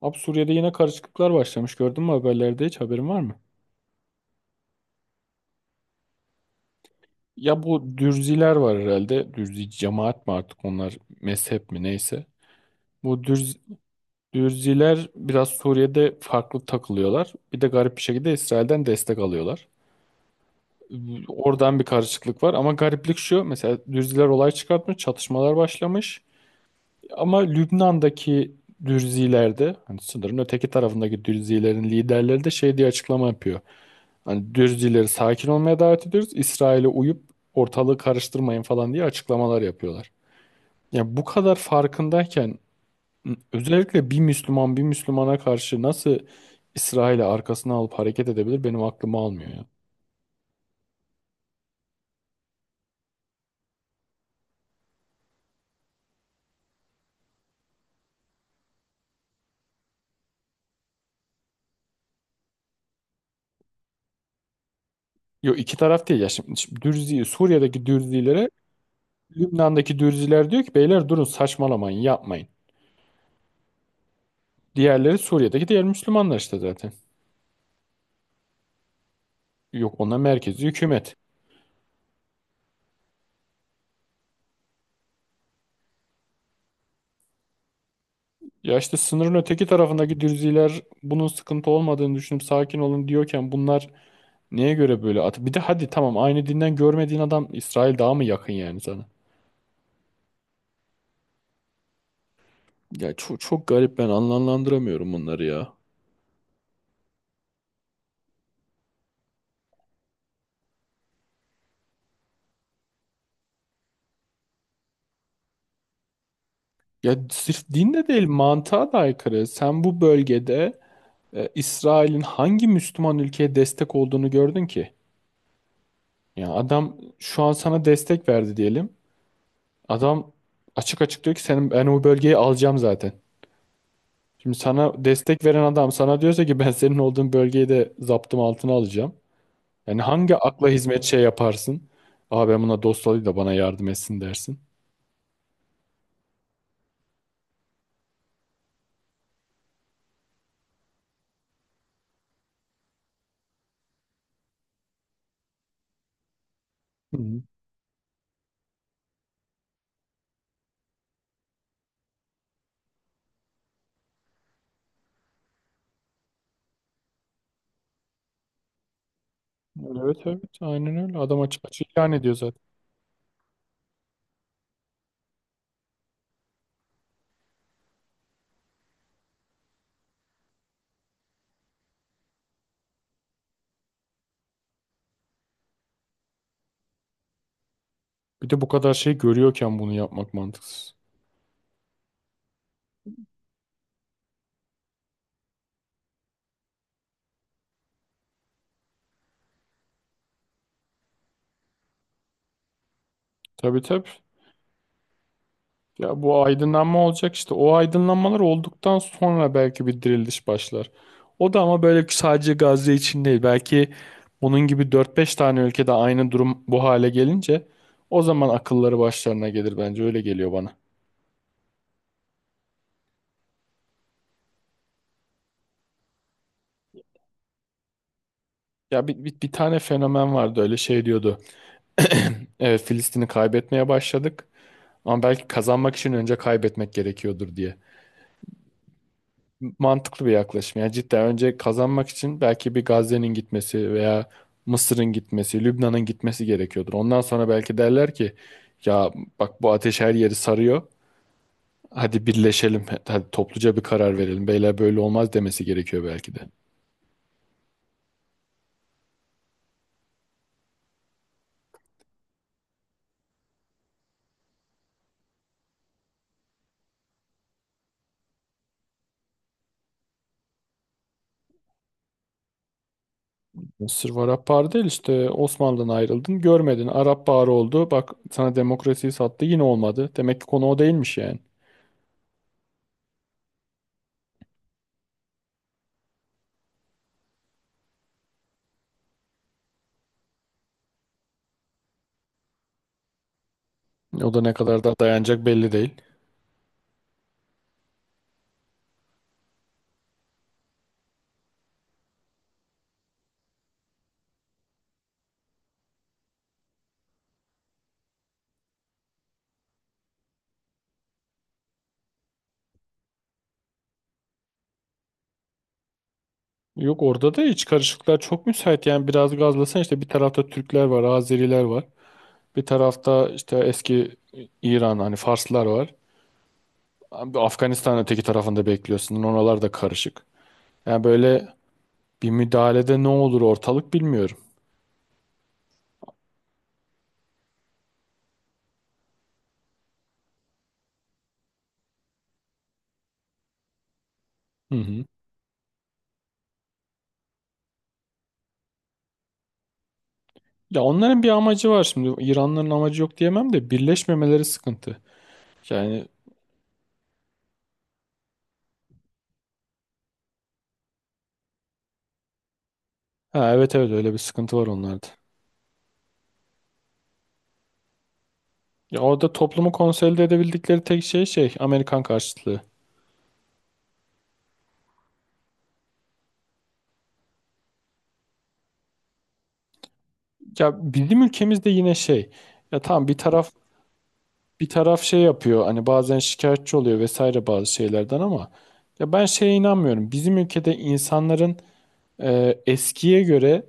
Abi Suriye'de yine karışıklıklar başlamış. Gördün mü haberlerde hiç haberin var mı? Ya bu Dürziler var herhalde. Dürzi cemaat mi artık onlar mezhep mi neyse. Bu Dürz, Dürziler biraz Suriye'de farklı takılıyorlar. Bir de garip bir şekilde İsrail'den destek alıyorlar. Oradan bir karışıklık var ama gariplik şu. Mesela Dürziler olay çıkartmış, çatışmalar başlamış. Ama Lübnan'daki Dürzilerde, hani sınırın öteki tarafındaki Dürzilerin liderleri de şey diye açıklama yapıyor. Hani Dürzileri sakin olmaya davet ediyoruz. İsrail'e uyup ortalığı karıştırmayın falan diye açıklamalar yapıyorlar. Ya bu kadar farkındayken özellikle bir Müslüman bir Müslümana karşı nasıl İsrail'i arkasına alıp hareket edebilir benim aklımı almıyor ya. Yo iki taraf değil ya şimdi, şimdi Dürzi, Suriye'deki Dürzilere Lübnan'daki Dürziler diyor ki beyler durun saçmalamayın yapmayın. Diğerleri Suriye'deki diğer Müslümanlar işte zaten. Yok ona merkezi hükümet. Ya işte sınırın öteki tarafındaki dürziler bunun sıkıntı olmadığını düşünüp sakin olun diyorken bunlar neye göre böyle at? Bir de hadi tamam aynı dinden görmediğin adam İsrail daha mı yakın yani sana? Ya çok çok garip ben anlamlandıramıyorum bunları ya. Ya sırf din de değil mantığa da aykırı. Sen bu bölgede İsrail'in hangi Müslüman ülkeye destek olduğunu gördün ki? Ya adam şu an sana destek verdi diyelim. Adam açık açık diyor ki senin ben o bölgeyi alacağım zaten. Şimdi sana destek veren adam sana diyorsa ki ben senin olduğun bölgeyi de zaptım altına alacağım. Yani hangi akla hizmet şey yaparsın? Aa ben buna dost olayım da bana yardım etsin dersin. Hı hı. Evet evet aynen öyle. Adam açık açık ilan ediyor zaten. Bir de bu kadar şey görüyorken bunu yapmak mantıksız. Tabii tabii. Ya bu aydınlanma olacak işte. O aydınlanmalar olduktan sonra belki bir diriliş başlar. O da ama böyle sadece Gazze için değil. Belki bunun gibi dört beş tane ülkede aynı durum bu hale gelince o zaman akılları başlarına gelir bence. Öyle geliyor bana. Ya bir tane fenomen vardı öyle şey diyordu. Evet Filistin'i kaybetmeye başladık. Ama belki kazanmak için önce kaybetmek gerekiyordur diye. Mantıklı bir yaklaşım. Yani cidden önce kazanmak için belki bir Gazze'nin gitmesi veya Mısır'ın gitmesi, Lübnan'ın gitmesi gerekiyordur. Ondan sonra belki derler ki ya bak bu ateş her yeri sarıyor. Hadi birleşelim. Hadi topluca bir karar verelim. Beyler böyle olmaz demesi gerekiyor belki de. Mısır var Arap Baharı değil işte Osmanlı'dan ayrıldın görmedin. Arap Baharı oldu. Bak sana demokrasiyi sattı yine olmadı. Demek ki konu o değilmiş yani. O da ne kadar da dayanacak belli değil. Yok orada da iç karışıklıklar çok müsait. Yani biraz gazlasan işte bir tarafta Türkler var, Azeriler var. Bir tarafta işte eski İran hani Farslar var. Abi Afganistan öteki tarafında bekliyorsun. Oralar da karışık. Yani böyle bir müdahalede ne olur ortalık bilmiyorum. Hı hı. Ya onların bir amacı var şimdi. İranların amacı yok diyemem de birleşmemeleri sıkıntı. Yani ha, evet evet öyle bir sıkıntı var onlarda. Ya orada toplumu konsolide edebildikleri tek şey şey Amerikan karşıtlığı. Ya bizim ülkemizde yine şey ya tamam bir taraf bir taraf şey yapıyor hani bazen şikayetçi oluyor vesaire bazı şeylerden ama ya ben şeye inanmıyorum. Bizim ülkede insanların eskiye göre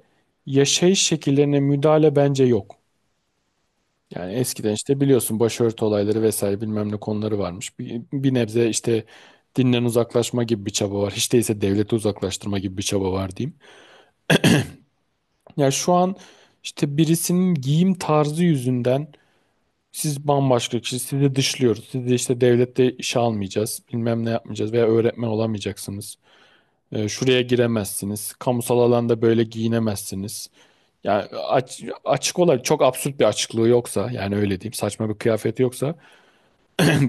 yaşayış şekillerine müdahale bence yok. Yani eskiden işte biliyorsun başörtü olayları vesaire bilmem ne konuları varmış. Bir nebze işte dinden uzaklaşma gibi bir çaba var. Hiç değilse devlete uzaklaştırma gibi bir çaba var diyeyim. Ya şu an işte birisinin giyim tarzı yüzünden siz bambaşka kişi, sizi dışlıyoruz. Sizi işte devlette işe almayacağız, bilmem ne yapmayacağız veya öğretmen olamayacaksınız. Şuraya giremezsiniz, kamusal alanda böyle giyinemezsiniz. Yani açık olarak çok absürt bir açıklığı yoksa, yani öyle diyeyim, saçma bir kıyafeti yoksa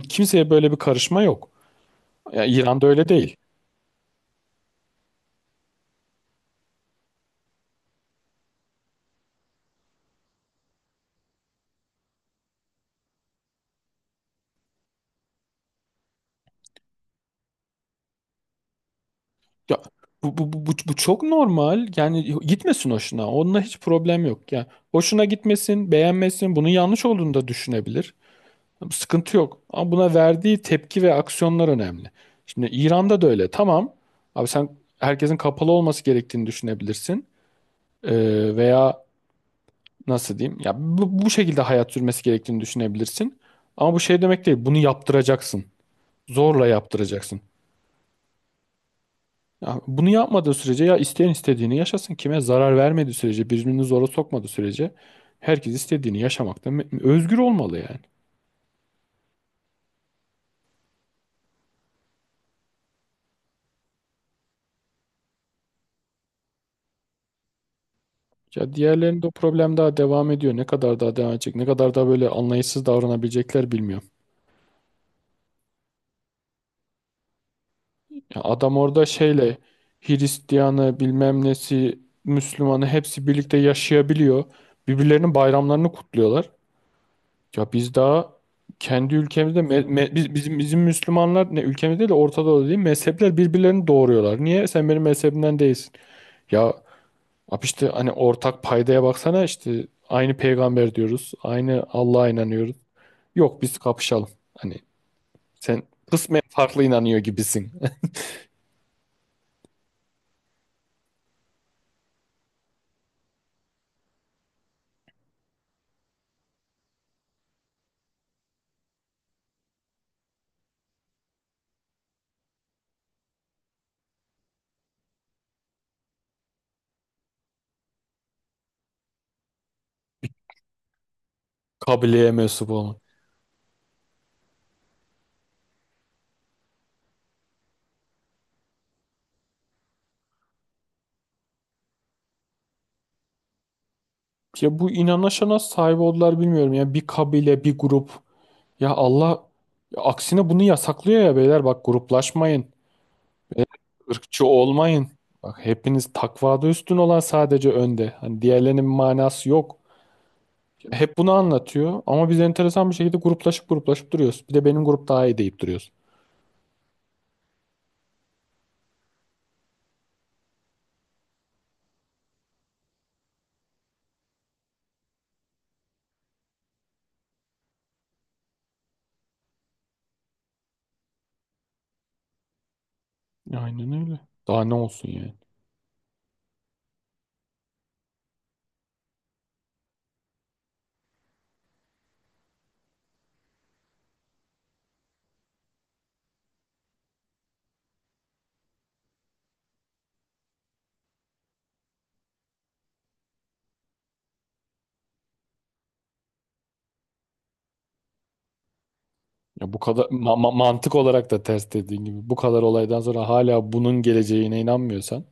kimseye böyle bir karışma yok. Ya İran'da öyle değil. Ya, bu çok normal. Yani gitmesin hoşuna. Onunla hiç problem yok. Yani hoşuna gitmesin, beğenmesin, bunun yanlış olduğunu da düşünebilir. Sıkıntı yok. Ama buna verdiği tepki ve aksiyonlar önemli. Şimdi İran'da da öyle. Tamam. Abi sen herkesin kapalı olması gerektiğini düşünebilirsin. Veya nasıl diyeyim? Ya bu şekilde hayat sürmesi gerektiğini düşünebilirsin. Ama bu şey demek değil. Bunu yaptıracaksın. Zorla yaptıracaksın. Ya bunu yapmadığı sürece ya isteyen istediğini yaşasın. Kime zarar vermediği sürece, birbirini zora sokmadığı sürece herkes istediğini yaşamakta özgür olmalı yani. Ya diğerlerinde o problem daha devam ediyor. Ne kadar daha devam edecek? Ne kadar daha böyle anlayışsız davranabilecekler bilmiyorum. Ya adam orada şeyle Hristiyanı bilmem nesi Müslümanı hepsi birlikte yaşayabiliyor. Birbirlerinin bayramlarını kutluyorlar. Ya biz daha kendi ülkemizde bizim Müslümanlar ne ülkemizde değil de Orta Doğu'da değil mezhepler birbirlerini doğuruyorlar. Niye? Sen benim mezhebimden değilsin. Ya abi işte hani ortak paydaya baksana işte aynı peygamber diyoruz. Aynı Allah'a inanıyoruz. Yok biz kapışalım. Hani sen kısmen farklı inanıyor gibisin. Kabileye mensup olmak. Ya bu inanışa nasıl sahip oldular bilmiyorum. Ya bir kabile, bir grup. Ya Allah ya aksine bunu yasaklıyor ya beyler. Bak gruplaşmayın. Beyler, ırkçı olmayın. Bak hepiniz takvada üstün olan sadece önde. Hani diğerlerinin bir manası yok. Hep bunu anlatıyor ama biz enteresan bir şekilde gruplaşıp gruplaşıp duruyoruz. Bir de benim grup daha iyi deyip duruyoruz. Aynen öyle. Daha ne olsun yani. Ya bu kadar mantık olarak da ters dediğin gibi bu kadar olaydan sonra hala bunun geleceğine inanmıyorsan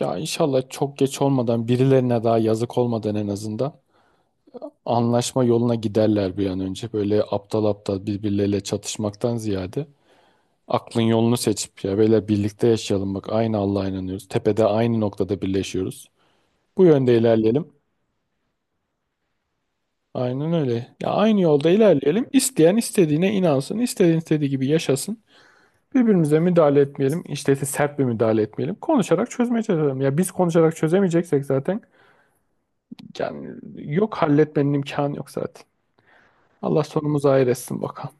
ya inşallah çok geç olmadan birilerine daha yazık olmadan en azından anlaşma yoluna giderler bir an önce. Böyle aptal aptal birbirleriyle çatışmaktan ziyade aklın yolunu seçip ya böyle birlikte yaşayalım bak aynı Allah'a inanıyoruz. Tepede aynı noktada birleşiyoruz. Bu yönde ilerleyelim. Aynen öyle. Ya aynı yolda ilerleyelim. İsteyen istediğine inansın, istediğin istediği gibi yaşasın. Birbirimize müdahale etmeyelim. İşte ise sert bir müdahale etmeyelim. Konuşarak çözmeye çalışalım. Ya biz konuşarak çözemeyeceksek zaten yani yok halletmenin imkanı yok zaten. Allah sonumuzu hayır etsin bakalım.